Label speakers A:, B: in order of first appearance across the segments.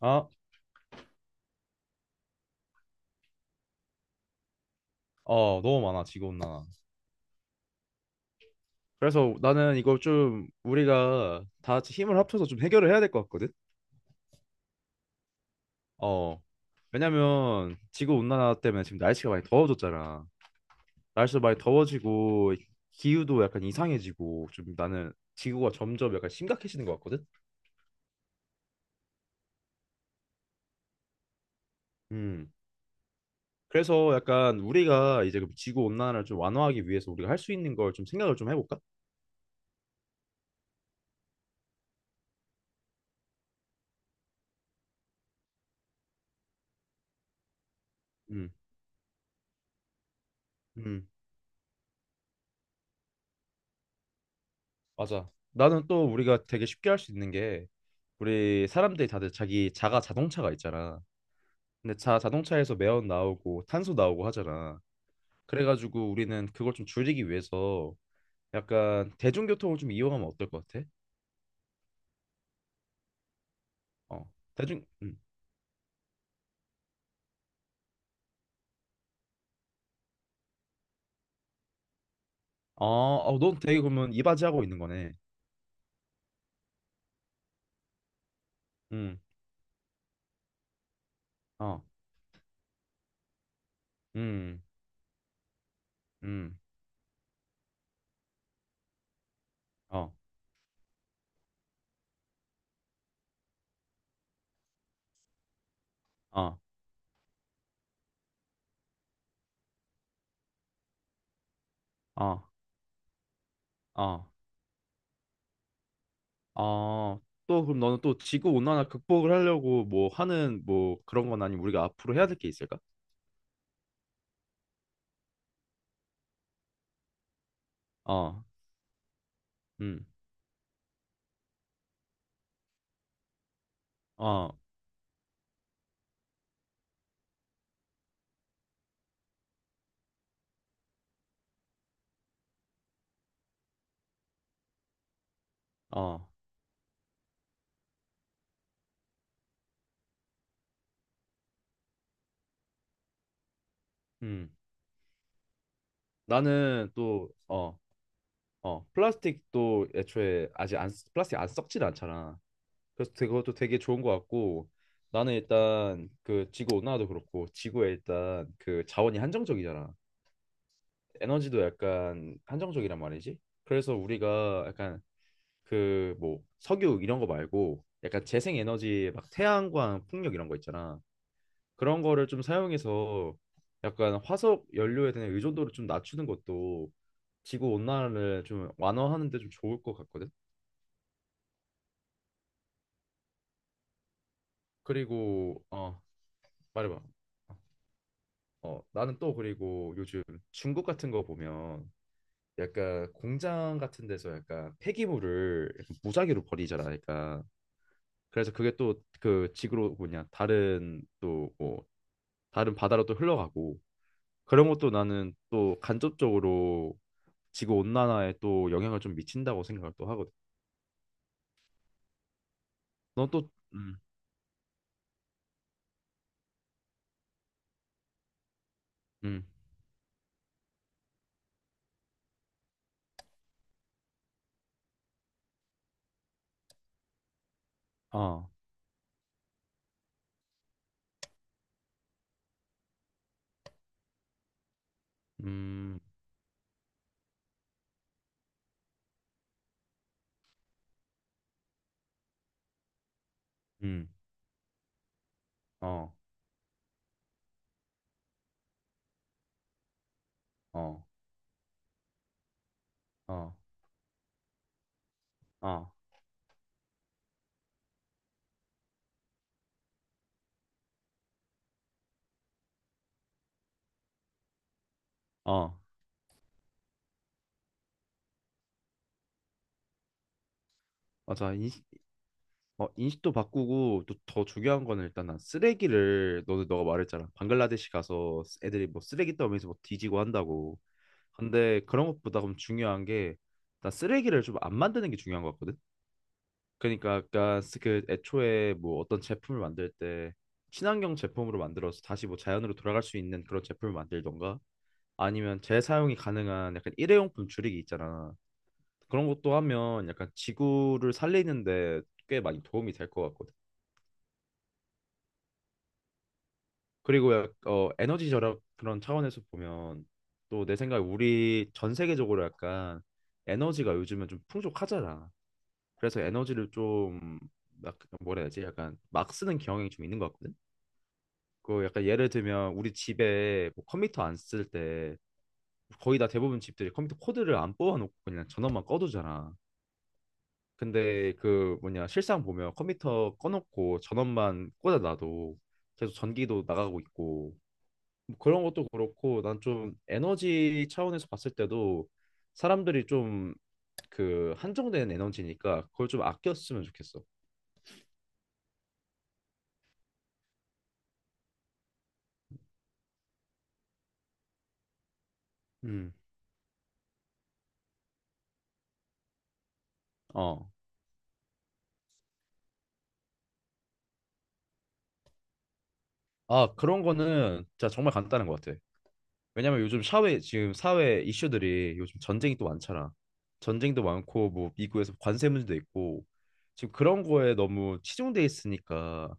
A: 아, 어, 너무 많아, 지구온 난화. 그래서 나는 이거 좀 우리가 다 같이 힘을 합쳐서 좀 해결을 해야 될 것 같거든? 어. 왜냐면 지구온 난화 때문에 지금 날씨가 많이 더워졌잖아. 날씨도 많이 더워지고 기후도 약간 이상해지고 좀 나는 지구가 점점 약간 심각해지는 것 같거든? 음. 그래서 약간 우리가 이제 지구온 난화를 좀 완화하기 위해서 우리가 할 수 있는 걸 좀 생각을 좀 해볼까? 음. 음. 맞아. 나는 또 우리가 되게 쉽게 할 수 있는 게 우리 사람들이 다들 자기 자가 자동차가 있잖아. 근데 자 자동차에서 매연 나오고 탄소 나오고 하잖아. 그래가지고 우리는 그걸 좀 줄이기 위해서 약간 대중교통을 좀 이용하면 어떨 것 같아? 어, 대중, 음. 아, 어, 넌 되게 그러면 이바지하고 있는 거네. 음, 어, 음, 음, 어, 어, 어, 어, 어. 또 그럼 너는 또 지구 온난화 극복을 하려고 뭐 하는 뭐 그런 건 아니면 우리가 앞으로 해야 될 게 있을까? 어, 음, 어, 어, 음. 나는 또, 플라스틱도 애초에 아직 안, 플라스틱 안 썩진 않잖아. 그래서 그것도 되게 좋은 것 같고, 나는 일단 그 지구 온난화도 그렇고, 지구에 일단 그 자원이 한정적이잖아. 에너지도 약간 한정적이란 말이지. 그래서 우리가 약간 그 뭐 석유 이런 거 말고, 약간 재생 에너지 막 태양광 풍력 이런 거 있잖아. 그런 거를 좀 사용해서 약간 화석 연료에 대한 의존도를 좀 낮추는 것도 지구 온난화를 좀 완화하는 데 좀 좋을 것 같거든. 그리고 말해봐. 나는 또 그리고 요즘 중국 같은 거 보면 약간 공장 같은 데서 약간 폐기물을 약간 무작위로 버리잖아. 그러니까 그래서 그게 또 그 지구로 뭐냐 다른 또 뭐 다른 바다로 또 흘러가고 그런 것도 나는 또 간접적으로 지구 온난화에 또 영향을 좀 미친다고 생각을 또 하거든. 넌 또, 음, 음, 어, 음, 음, 어, 어, 어, 어, 어, 맞아. 인식도 바꾸고 또 더 중요한 거는 일단 난 쓰레기를 너는 너가 말했잖아. 방글라데시 가서 애들이 뭐 쓰레기 더미에서 뭐 뒤지고 한다고. 근데 그런 것보다 그럼 중요한 게 나 쓰레기를 좀 안 만드는 게 중요한 것 같거든. 그러니까 아까 그 애초에 뭐 어떤 제품을 만들 때 친환경 제품으로 만들어서 다시 뭐 자연으로 돌아갈 수 있는 그런 제품을 만들던가 아니면 재사용이 가능한 약간 일회용품 줄이기 있잖아. 그런 것도 하면 약간 지구를 살리는데 꽤 많이 도움이 될 것 같거든. 그리고 에너지 절약 그런 차원에서 보면 또 내 생각에 우리 전 세계적으로 약간 에너지가 요즘은 좀 풍족하잖아. 그래서 에너지를 좀 막 뭐라 해야 되지? 약간 막 쓰는 경향이 좀 있는 것 같거든. 그 약간 예를 들면 우리 집에 뭐 컴퓨터 안 쓸 때 거의 다 대부분 집들이 컴퓨터 코드를 안 뽑아놓고 그냥 전원만 꺼두잖아. 근데 그 뭐냐 실상 보면 컴퓨터 꺼놓고 전원만 꽂아놔도 계속 전기도 나가고 있고 뭐 그런 것도 그렇고 난 좀 에너지 차원에서 봤을 때도 사람들이 좀 그 한정된 에너지니까 그걸 좀 아꼈으면 좋겠어. 음. 어. 아, 그런 거는 진짜 정말 간단한 것 같아. 왜냐면 요즘 사회 지금 사회 이슈들이 요즘 전쟁이 또 많잖아. 전쟁도 많고 뭐 미국에서 관세 문제도 있고 지금 그런 거에 너무 치중돼 있으니까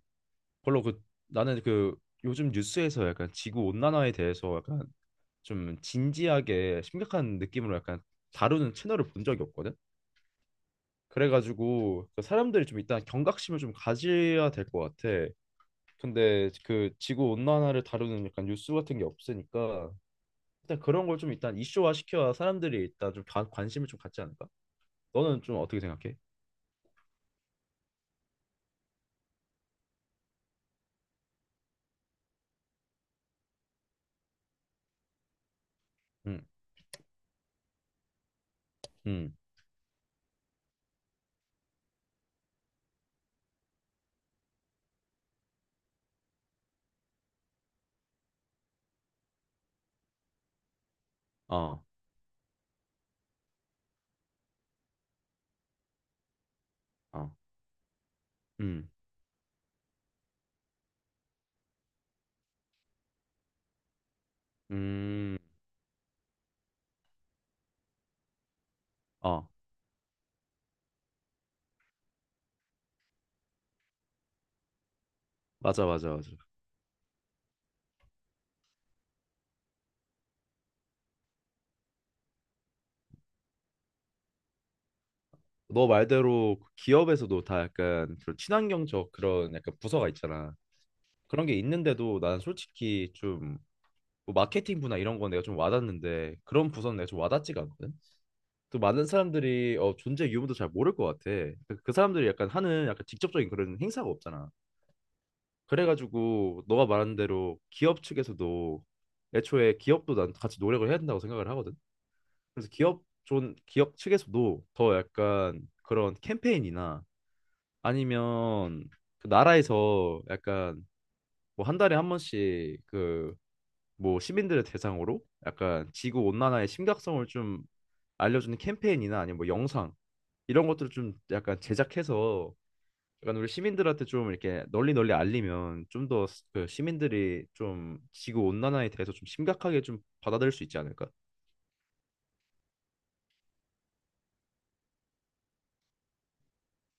A: 별로 그 나는 그 요즘 뉴스에서 약간 지구 온난화에 대해서 약간 좀 진지하게 심각한 느낌으로 약간 다루는 채널을 본 적이 없거든. 그래가지고 그 사람들이 좀 일단 경각심을 좀 가져야 될 것 같아. 근데 그 지구 온난화를 다루는 약간 뉴스 같은 게 없으니까 일단 그런 걸 좀 일단 이슈화 시켜야 사람들이 일단 좀 관심을 좀 갖지 않을까? 너는 좀 어떻게 생각해? 응, 응, 어, 어, 응, 음, 어, 맞아, 맞아, 맞아. 너 말대로 그 기업에서도 다 약간 그런 친환경적 그런 약간 부서가 있잖아. 그런 게 있는데도 난 솔직히 좀뭐 마케팅 부나 이런 건 내가 좀 와닿는데 그런 부서는 내가 좀 와닿지가 않거든. 또 많은 사람들이 존재 유무도 잘 모를 것 같아. 그 사람들이 약간 하는 약간 직접적인 그런 행사가 없잖아. 그래가지고 너가 말한 대로 기업 측에서도 애초에 기업도 난 같이 노력을 해야 된다고 생각을 하거든. 그래서 기업 측에서도 더 약간 그런 캠페인이나 아니면 그 나라에서 약간 뭐 한 달에 한 번씩 그 뭐 시민들을 대상으로 약간 지구 온난화의 심각성을 좀 알려주는 캠페인이나 아니면 뭐 영상 이런 것들을 좀 약간 제작해서 약간 우리 시민들한테 좀 이렇게 널리 널리 알리면 좀 더 그 시민들이 좀 지구 온난화에 대해서 좀 심각하게 좀 받아들일 수 있지 않을까?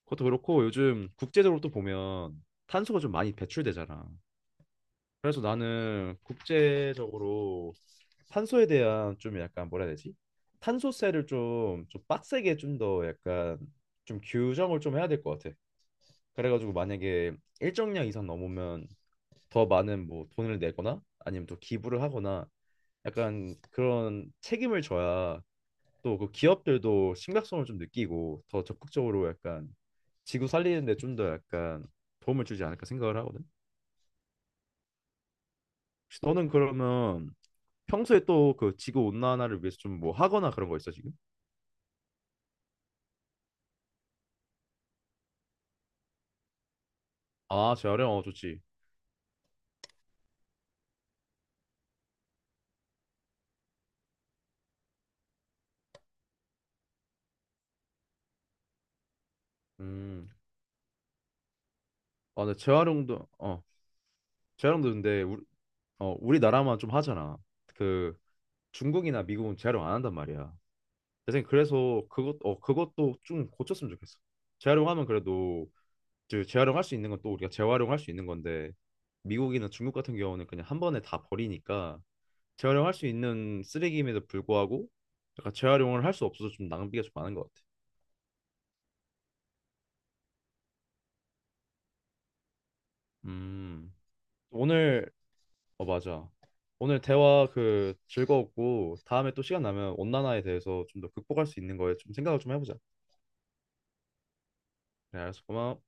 A: 그것도 그렇고 요즘 국제적으로 또 보면 탄소가 좀 많이 배출되잖아. 그래서 나는 국제적으로 탄소에 대한 좀 약간 뭐라 해야 되지? 탄소세를 좀, 좀 빡세게 좀 더 약간 좀 규정을 좀 해야 될 것 같아. 그래가지고 만약에 일정량 이상 넘으면 더 많은 뭐 돈을 내거나 아니면 또 기부를 하거나 약간 그런 책임을 져야 또 그 기업들도 심각성을 좀 느끼고 더 적극적으로 약간 지구 살리는 데 좀 더 약간 도움을 주지 않을까 생각을 하거든. 혹시 너는 그러면 평소에 또 그 지구 온난화를 위해서 좀 뭐 하거나 그런 거 있어 지금? 아, 재활용 좋지. 음. 아, 근데 재활용도 근데 우리나라만 좀 하잖아. 그 중국이나 미국은 재활용 안 한단 말이야. 대신 그래서 그것도 좀 고쳤으면 좋겠어. 재활용하면 그래도 재활용할 수 있는 건 또 우리가 재활용할 수 있는 건데 미국이나 중국 같은 경우는 그냥 한 번에 다 버리니까 재활용할 수 있는 쓰레기임에도 불구하고 약간 재활용을 할 수 없어서 좀 낭비가 좀 많은 것 같아. 음 오늘 어 맞아. 오늘 대화 그 즐거웠고 다음에 또 시간 나면 온난화에 대해서 좀 더 극복할 수 있는 거에 좀 생각을 좀 해보자. 그래, 알았어. 고마워.